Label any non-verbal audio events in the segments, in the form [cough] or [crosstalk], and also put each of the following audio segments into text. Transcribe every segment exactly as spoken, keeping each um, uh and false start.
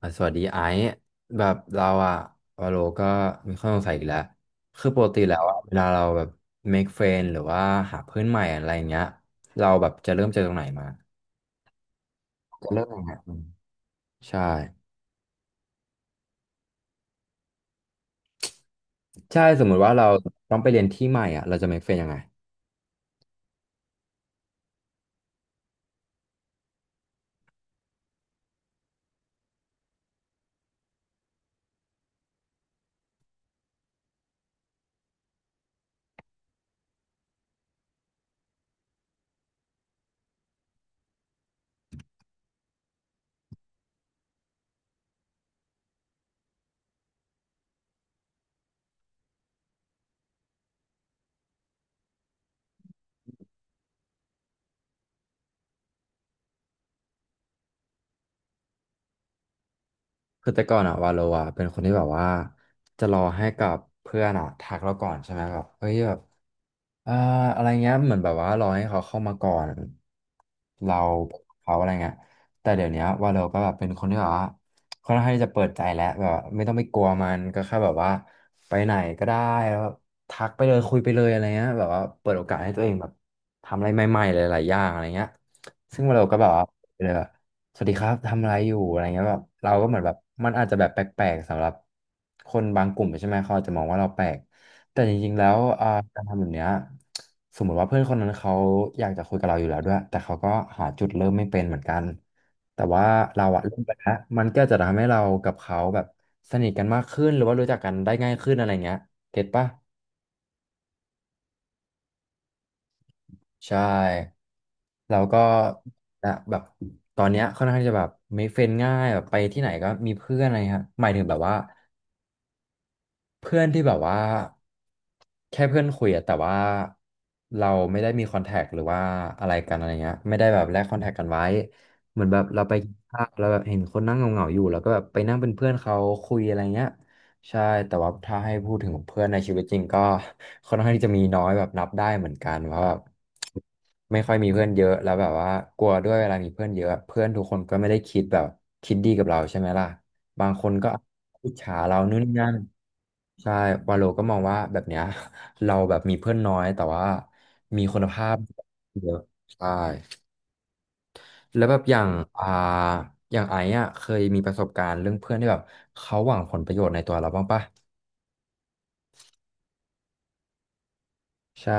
อ่ะสวัสดีไอซ์แบบเราอะวาโลก็มีข้อสงสัยอีกแล้วคือปกติแล้วอะเวลาเราแบบ make friend หรือว่าหาเพื่อนใหม่อะไรอย่างเงี้ยเราแบบจะเริ่มจากตรงไหนมาจะเริ่มยังไงอืมใช่ใช่สมมุติว่าเราต้องไปเรียนที่ใหม่อะเราจะ make friend ยังไง คือแต่ก่อนอะวาโลอะเป็นคนที่แบบว่าจะรอให้กับเพื่อนอะทักเราก่อนใช่ไหมแบบเฮ้ยแบบอ่าอะไรเงี้ยเหมือนแบบว่ารอให้เขาเข้ามาก่อนเราเขาอะไรเงี้ยแต่เดี๋ยวเนี้ยวาโลก็แบบเป็นคนที่แบบว่าค่อนข้างที่จะเปิดใจแล้วแบบว่าไม่ต้องไปกลัวมันก็แค่แบบว่าไปไหนก็ได้แล้วแบบทักไปเลยคุยไปเลยอะไรเงี้ยแบบว่าเปิดโอกาสให้ตัวเองแบบทำอะไรใหม่ๆหลายๆอย่างอะไรเงี้ยซึ่งวาโลก็แบบว่าไปเลย สวัสดีครับทำอะไรอยู่อะไรเงี้ยแบบเราก็เหมือนแบบมันอาจจะแบบแปลกๆสำหรับคนบางกลุ่มใช่ไหมเขาอาจจะมองว่าเราแปลกแต่จริงๆแล้วอ่าการทำแบบเนี้ยสมมติว่าเพื่อนคนนั้นเขาอยากจะคุยกับเราอยู่แล้วด้วยแต่เขาก็หาจุดเริ่มไม่เป็นเหมือนกันแต่ว่าเราอะเริ่มไปแล้วมันก็จะทำให้เรากับเขาแบบสนิทกันมากขึ้นหรือว่ารู้จักกันได้ง่ายขึ้นอะไรเงี้ยเก็ตปะ ใช่เราก็นะแบบตอนเนี้ยค่อนข้างที่จะแบบ make friend ง่ายแบบไปที่ไหนก็มีเพื่อนอะไรครับหมายถึงแบบว่า เพื่อนที่แบบว่าแค่เพื่อนคุยอะแต่ว่าเราไม่ได้มีคอนแทคหรือว่าอะไรกันอะไรเงี้ยไม่ได้แบบแลกคอนแทคกันไว้เหมือนแบบเราไปกินข้าวแล้วแบบเห็นคนนั่งเหงาๆอยู่แล้วก็แบบไปนั่งเป็นเพื่อนเขาคุยอะไรเงี้ยใช่แต่ว่าถ้าให้พูดถึงเพื่อนในชีวิตจริงก็ค่อนข้างที่จะมีน้อยแบบนับได้เหมือนกันเพราะแบบไม่ค่อยมีเพื่อนเยอะแล้วแบบว่ากลัวด้วยเวลามีเพื่อนเยอะเพื่อนทุกคนก็ไม่ได้คิดแบบคิดดีกับเราใช่ไหมล่ะ บางคนก็อิจฉาเรานู่นนี่นั่นใช่วาโลก็มองว่าแบบเนี้ย [laughs] เราแบบมีเพื่อนน้อยแต่ว่ามีคุณภาพเยอะใช่ แล้วแบบอย่างอ่าอย่างไอ้อะเคยมีประสบการณ์เรื่องเพื่อนที่แบบเขาหวังผลประโยชน์ในตัวเราบ้างปะใช่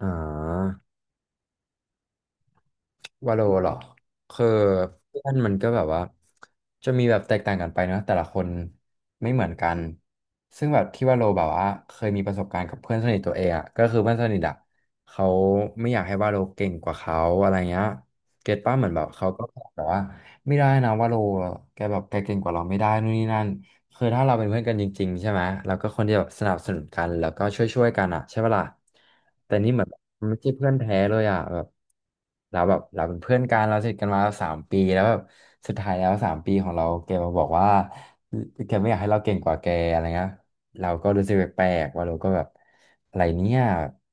อ่า วาโลเหรอคือเพื่อนมันก็แบบว่าจะมีแบบแตกต่างกันไปเนอะแต่ละคนไม่เหมือนกันซึ่งแบบที่วาโลแบบว่าเคยมีประสบการณ์กับเพื่อนสนิทตัวเองอะก็คือเพื่อนสนิทอะเขาไม่อยากให้วาโลเก่งกว่าเขาอะไรเงี้ยเก็ตป้าเหมือนแบบเขาก็บอกแบบว่าไม่ได้นะวาโลแกแบบแกเก่งกว่าเราไม่ได้นู่นนี่นั่น คือถ้าเราเป็นเพื่อนกันจริงๆใช่ไหมเราก็คนที่แบบสนับสนุนกันแล้วก็ช่วยๆกันอ่ะใช่ปะล่ะแต่นี่เหมือนมไม่ใช่เพื่อนแท้เลยอ่ะแบบเราแบบเราเป็นเพื่อนกันเราสนิทกันมาสามปีแล้วแบบสุดท้ายแล้วสามปีของเราแกมาบอกว่าแกไม่อยากให้เราเก่งกว่าแกอะไรเงี้ยเราก็รู้สึกแปลกๆว่าเราก็แบบอะไรเนี่ย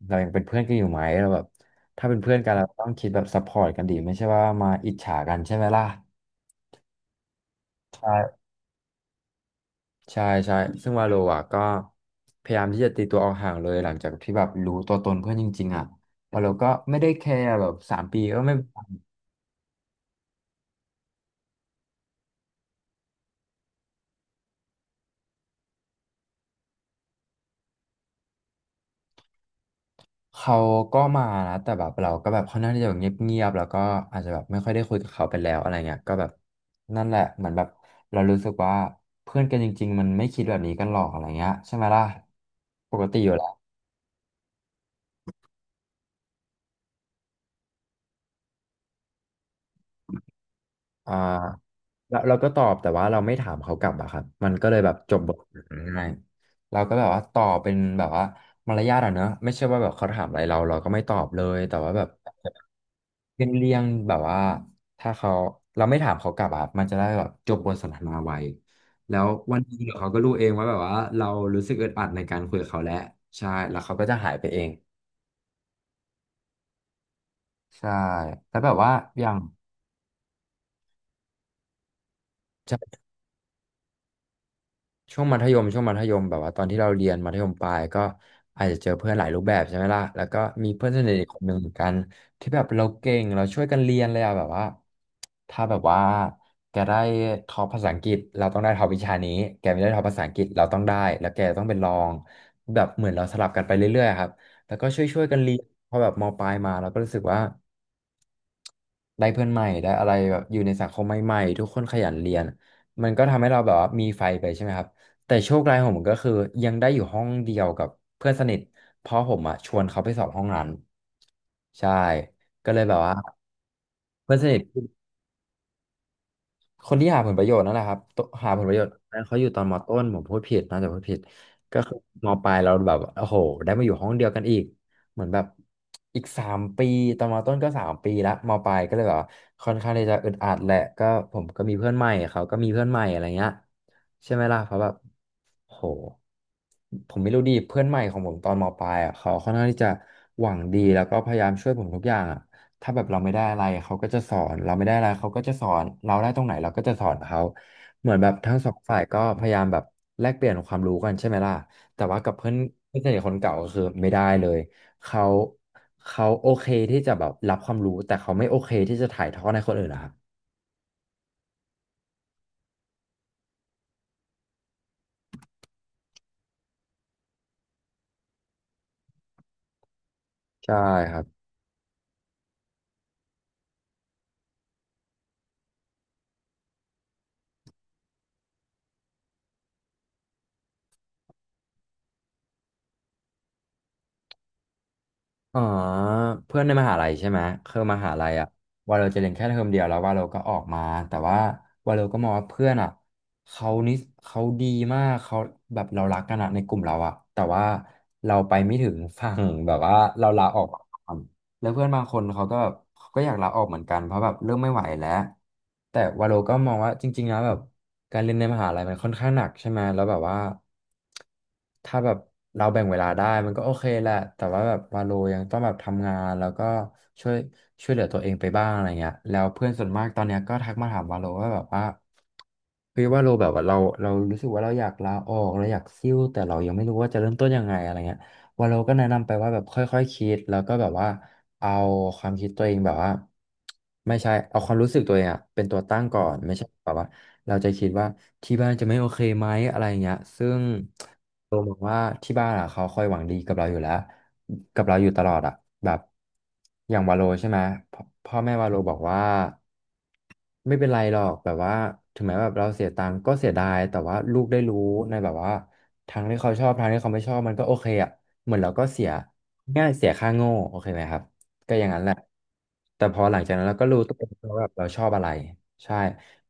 เรายังเป็นเพื่อนกันอยู่ไหมเราแบบถ้าเป็นเพื่อนกันเราต้องคิดแบบซัพพอร์ตกันดีไม่ใช่ว่ามาอิจฉากันใช่ไหมล่ะใช่ ใช่ใช่ซึ่งวาโลอ่ะก็พยายามที่จะตีตัวออกห่างเลยหลังจากที่แบบรู้ตัวตนเพื่อนจริงๆอ่ะวาโลก็ไม่ได้แคร์แบบสามปีก็ไม่เขาก็มานะแต่แบบเราก็แบบค่อนข้างที่จะแบบเงียบๆแล้วก็อาจจะแบบไม่ค่อยได้คุยกับเขาไปแล้วอะไรเงี้ยก็แบบนั่นแหละเหมือนแบบเรารู้สึกว่าเพื่อนกันจริงๆมันไม่คิดแบบนี้กันหรอกอะไรเงี้ยใช่ไหมล่ะปกติอยู่แล้ว อ่าแล้วเราก็ตอบแต่ว่าเราไม่ถามเขากลับอะครับมันก็เลยแบบจบบทสนทนาง่ายเราก็แบบว่าตอบเป็นแบบว่ามารยาทอะเนอะไม่ใช่ว่าแบบเขาถามอะไรเราเราก็ไม่ตอบเลยแต่ว่าแบบเป็นเรี่ยงแบบว่าถ้าเขาเราไม่ถามเขากลับอะมันจะได้แบบจบบทสนทนาไวแล้ววันหนี้เดี๋ยวเขาก็รู้เองว่าแบบว่าเรารู้สึกอึดอัดในการคุยกับเขาแล้วใช่แล้วเขาก็จะหายไปเองใช่แล้วแบบว่าอย่างใช่ ช่วงมัธยมช่วงมัธยมแบบว่าตอนที่เราเรียนมัธยมปลายก็อาจจะเจอเพื่อนหลายรูปแบบใช่ไหมล่ะแล้วก็มีเพื่อนสนิทอีกคนหนึ่งเหมือนกันที่แบบเราเก่งเราช่วยกันเรียนเลยอะแบบว่าถ้าแบบว่าแกได้ท็อปภาษาอังกฤษเราต้องได้ท็อปวิชานี้แกไม่ได้ท็อปภาษาอังกฤษเราต้องได้แล้วแกต้องเป็นรองแบบเหมือนเราสลับกันไปเรื่อยๆอะครับแล้วก็ช่วยๆกันเรียนพอแบบมปลายมาเราก็รู้สึกว่า ได้เพื่อนใหม่ได้อะไรแบบอยู่ในสังคมใหม่ๆทุกคนขยันเรียนมันก็ทำให้เราแบบว่ามีไฟไปใช่ไหมครับแต่โชคร้ายของผมก็คือยังได้อยู่ห้องเดียวกับเพื่อนสนิทเพราะผมอ่ะชวนเขาไปสอบห้องนั้นใช่ก็เลยแบบว่าเพื่อนสนิท คนที่หาผลประโยชน์นั่นแหละครับตัวหาผลประโยชน์นั้นเขาอยู่ตอนมต้นผมพูดผิดน่าจะพูดผิดก็คือมปลายเราแบบโอ้โหได้มาอยู่ห้องเดียวกันอีกเหมือนแบบอีกสามปีตอนมต้นก็สามปีละมปลายก็เลยแบบว่าค่อนข้างที่จะอึดอัดแหละก็ผมก็มีเพื่อนใหม่เขาก็มีเพื่อนใหม่อะไรเงี้ยใช่ไหมล่ะเพราะแบบโหผมไม่รู้ดีเพื่อนใหม่ของผมตอนมปลายอ่ะเขาค่อนข้างที่จะหวังดีแล้วก็พยายามช่วยผมทุกอย่างอ่ะ ถ้าแบบเราไม่ได้อะไรเขาก็จะสอนเราไม่ได้อะไรเขาก็จะสอนเราได้ตรงไหนเราก็จะสอนเขาเหมือนแบบทั้งสองฝ่ายก็พยายามแบบแลกเปลี่ยนความรู้กันใช่ไหมล่ะแต่ว่ากับเพื่อนเพื่อนสนิทคนเก่าก็คือไม่ได้เลยเขาเขาโอเคที่จะแบบรับความรู้แต่เขาไม่โอเคที่จะถ่ายทอดให้คนอื่นนะครับใช่ครับ อ๋อเพื่อนในมหาลัยใช่ไหมคือมหาลัยอะว่าเราจะเรียนแค่เทอมเดียวแล้วว่าเราก็ออกมาแต่ว่าว่าเราก็มองว่าเพื่อนอะเขานิสเขาดีมากเขาแบบเรารักกันอะในกลุ่มเราอะแต่ว่าเราไปไม่ถึงฝั่งแบบว่าเราลาออกก่อนแล้วเพื่อนบางคนเขาก็แบบเขาก็อยากลาออกเหมือนกันเพราะแบบเริ่มไม่ไหวแล้วแต่ว่าเราก็มองว่าจริงๆนะแบบ การเรียนในมหาลัยมันค่อนข้างหนักใช่ไหมแล้วแบบว่าถ้าแบบเราแบ่งเวลาได้มันก็โอเคแหละแต่ว่าแบบวาโลยังต้องแบบทำงานแล้วก็ช่วยช่วยเหลือตัวเองไปบ้างอะไรเงี้ยแล้วเพื่อนส่วนมากตอนเนี้ยก็ทักมาถามวาโลว่าแบบว่าเฮ้ยวาโลแบบว่าเราเรารู้สึกว่าเราอยากลาออกเราอยากซิ่วแต่เรายังไม่รู้ว่าจะเริ่มต้นยังไงอะไรเงี้ย วาโลก็แนะนำไปว่าแบบค่อยๆคิดแล้วก็แบบว่าเอาความคิดตัวเองแบบว่าไม่ใช่เอาความรู้สึกตัวเองอะเป็นตัวตั้งก่อนไม่ใช่แบบว่าเราจะคิดว่าที่บ้านจะไม่โอเคไหมอะไรอย่างเงี้ยซึ่งเรามองว่าที่บ้านอะเขาคอยหวังดีกับเราอยู่แล้วกับเราอยู่ตลอดอะแบบอย่างวาโลใช่ไหมพพ่อแม่วาโลบอกว่าไม่เป็นไรหรอกแบบว่าถึงแม้แบบเราเสียตังค์ก็เสียดายแต่ว่าลูกได้รู้ในแบบว่าทางที่เขาชอบทางที่เขาไม่ชอบมันก็โอเคอะ เหมือนเราก็เสียง่ายเสียค่าโง่โอเคไหมครับก็อย่างนั้นแหละแต่พอหลังจากนั้นเราก็รู้ตัวเองว่าแบบเราชอบอะไรใช่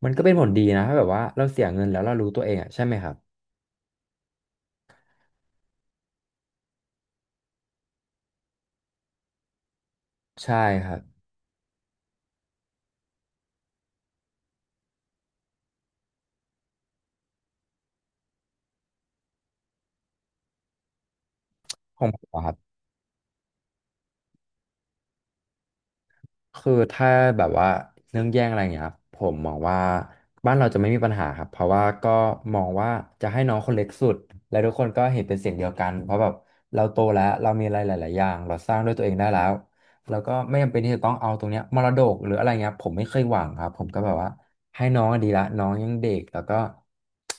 มันก็เป็นผลดีนะถ้าแบบว่าเราเสียเงินแล้วเรารู้ตัวเองอ่ะใช่ไหมครับใช่ครับของผมอะครับ คือถ้าแบบว่าเรื่องแย่งอะไรเงี้ยครับผมมองว่าบ้านเราจะไม่มีปัญหาครับเพราะว่าก็มองว่าจะให้น้องคนเล็กสุดและทุกคนก็เห็นเป็นเสียงเดียวกันเพราะแบบเราโตแล้วเรามีอะไรหลายๆอย่างเราสร้างด้วยตัวเองได้แล้วแล้วก็ไม่จำเป็นที่จะต้องเอาตรงเนี้ยมรดกหรืออะไรเงี้ยผมไม่เคยหวังครับผมก็แบบว่าให้น้องดีละน้องยังเด็กแล้วก็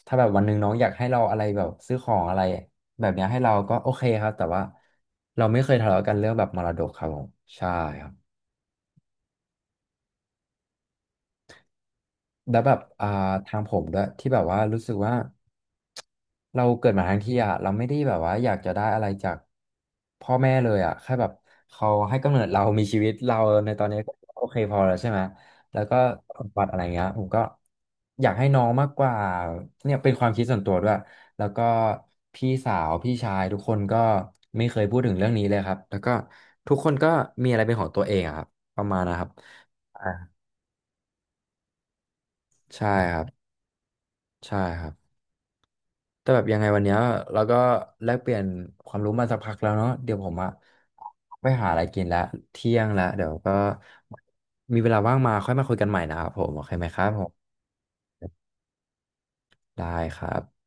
ถ้าแบบวันหนึ่งน้องอยากให้เราอะไรแบบซื้อของอะไรแบบเนี้ยให้เราก็โอเคครับแต่ว่าเราไม่เคยทะเลาะกันเรื่องแบบมรดกครับผมใช่ครับ แล้วแบบอ่าทางผมด้วยที่แบบว่ารู้สึกว่าเราเกิดมาทั้งที่อ่ะเราไม่ได้แบบว่าอยากจะได้อะไรจากพ่อแม่เลยอ่ะแค่แบบเขาให้กำเนิดเรามีชีวิตเราในตอนนี้ก็โอเคพอแล้วใช่ไหมแล้วก็สมบัติอะไรเงี้ยผมก็อยากให้น้องมากกว่าเนี่ยเป็นความคิดส่วนตัวด้วยแล้วก็พี่สาวพี่ชายทุกคนก็ไม่เคยพูดถึงเรื่องนี้เลยครับแล้วก็ทุกคนก็มีอะไรเป็นของตัวเองอะครับประมาณนะครับอ่าใช่ครับใช่ครับ แต่แบบยังไงวันเนี้ยเราก็แลกเปลี่ยนความรู้มาสักพักแล้วเนาะเดี๋ยวผมอะไปหาอะไรกินละเที่ยงละเดี๋ยวก็มีเวลาว่างมาค่อยมาคุยกันใหม่นะครับผมโอเคไหมครับผมได้ครับ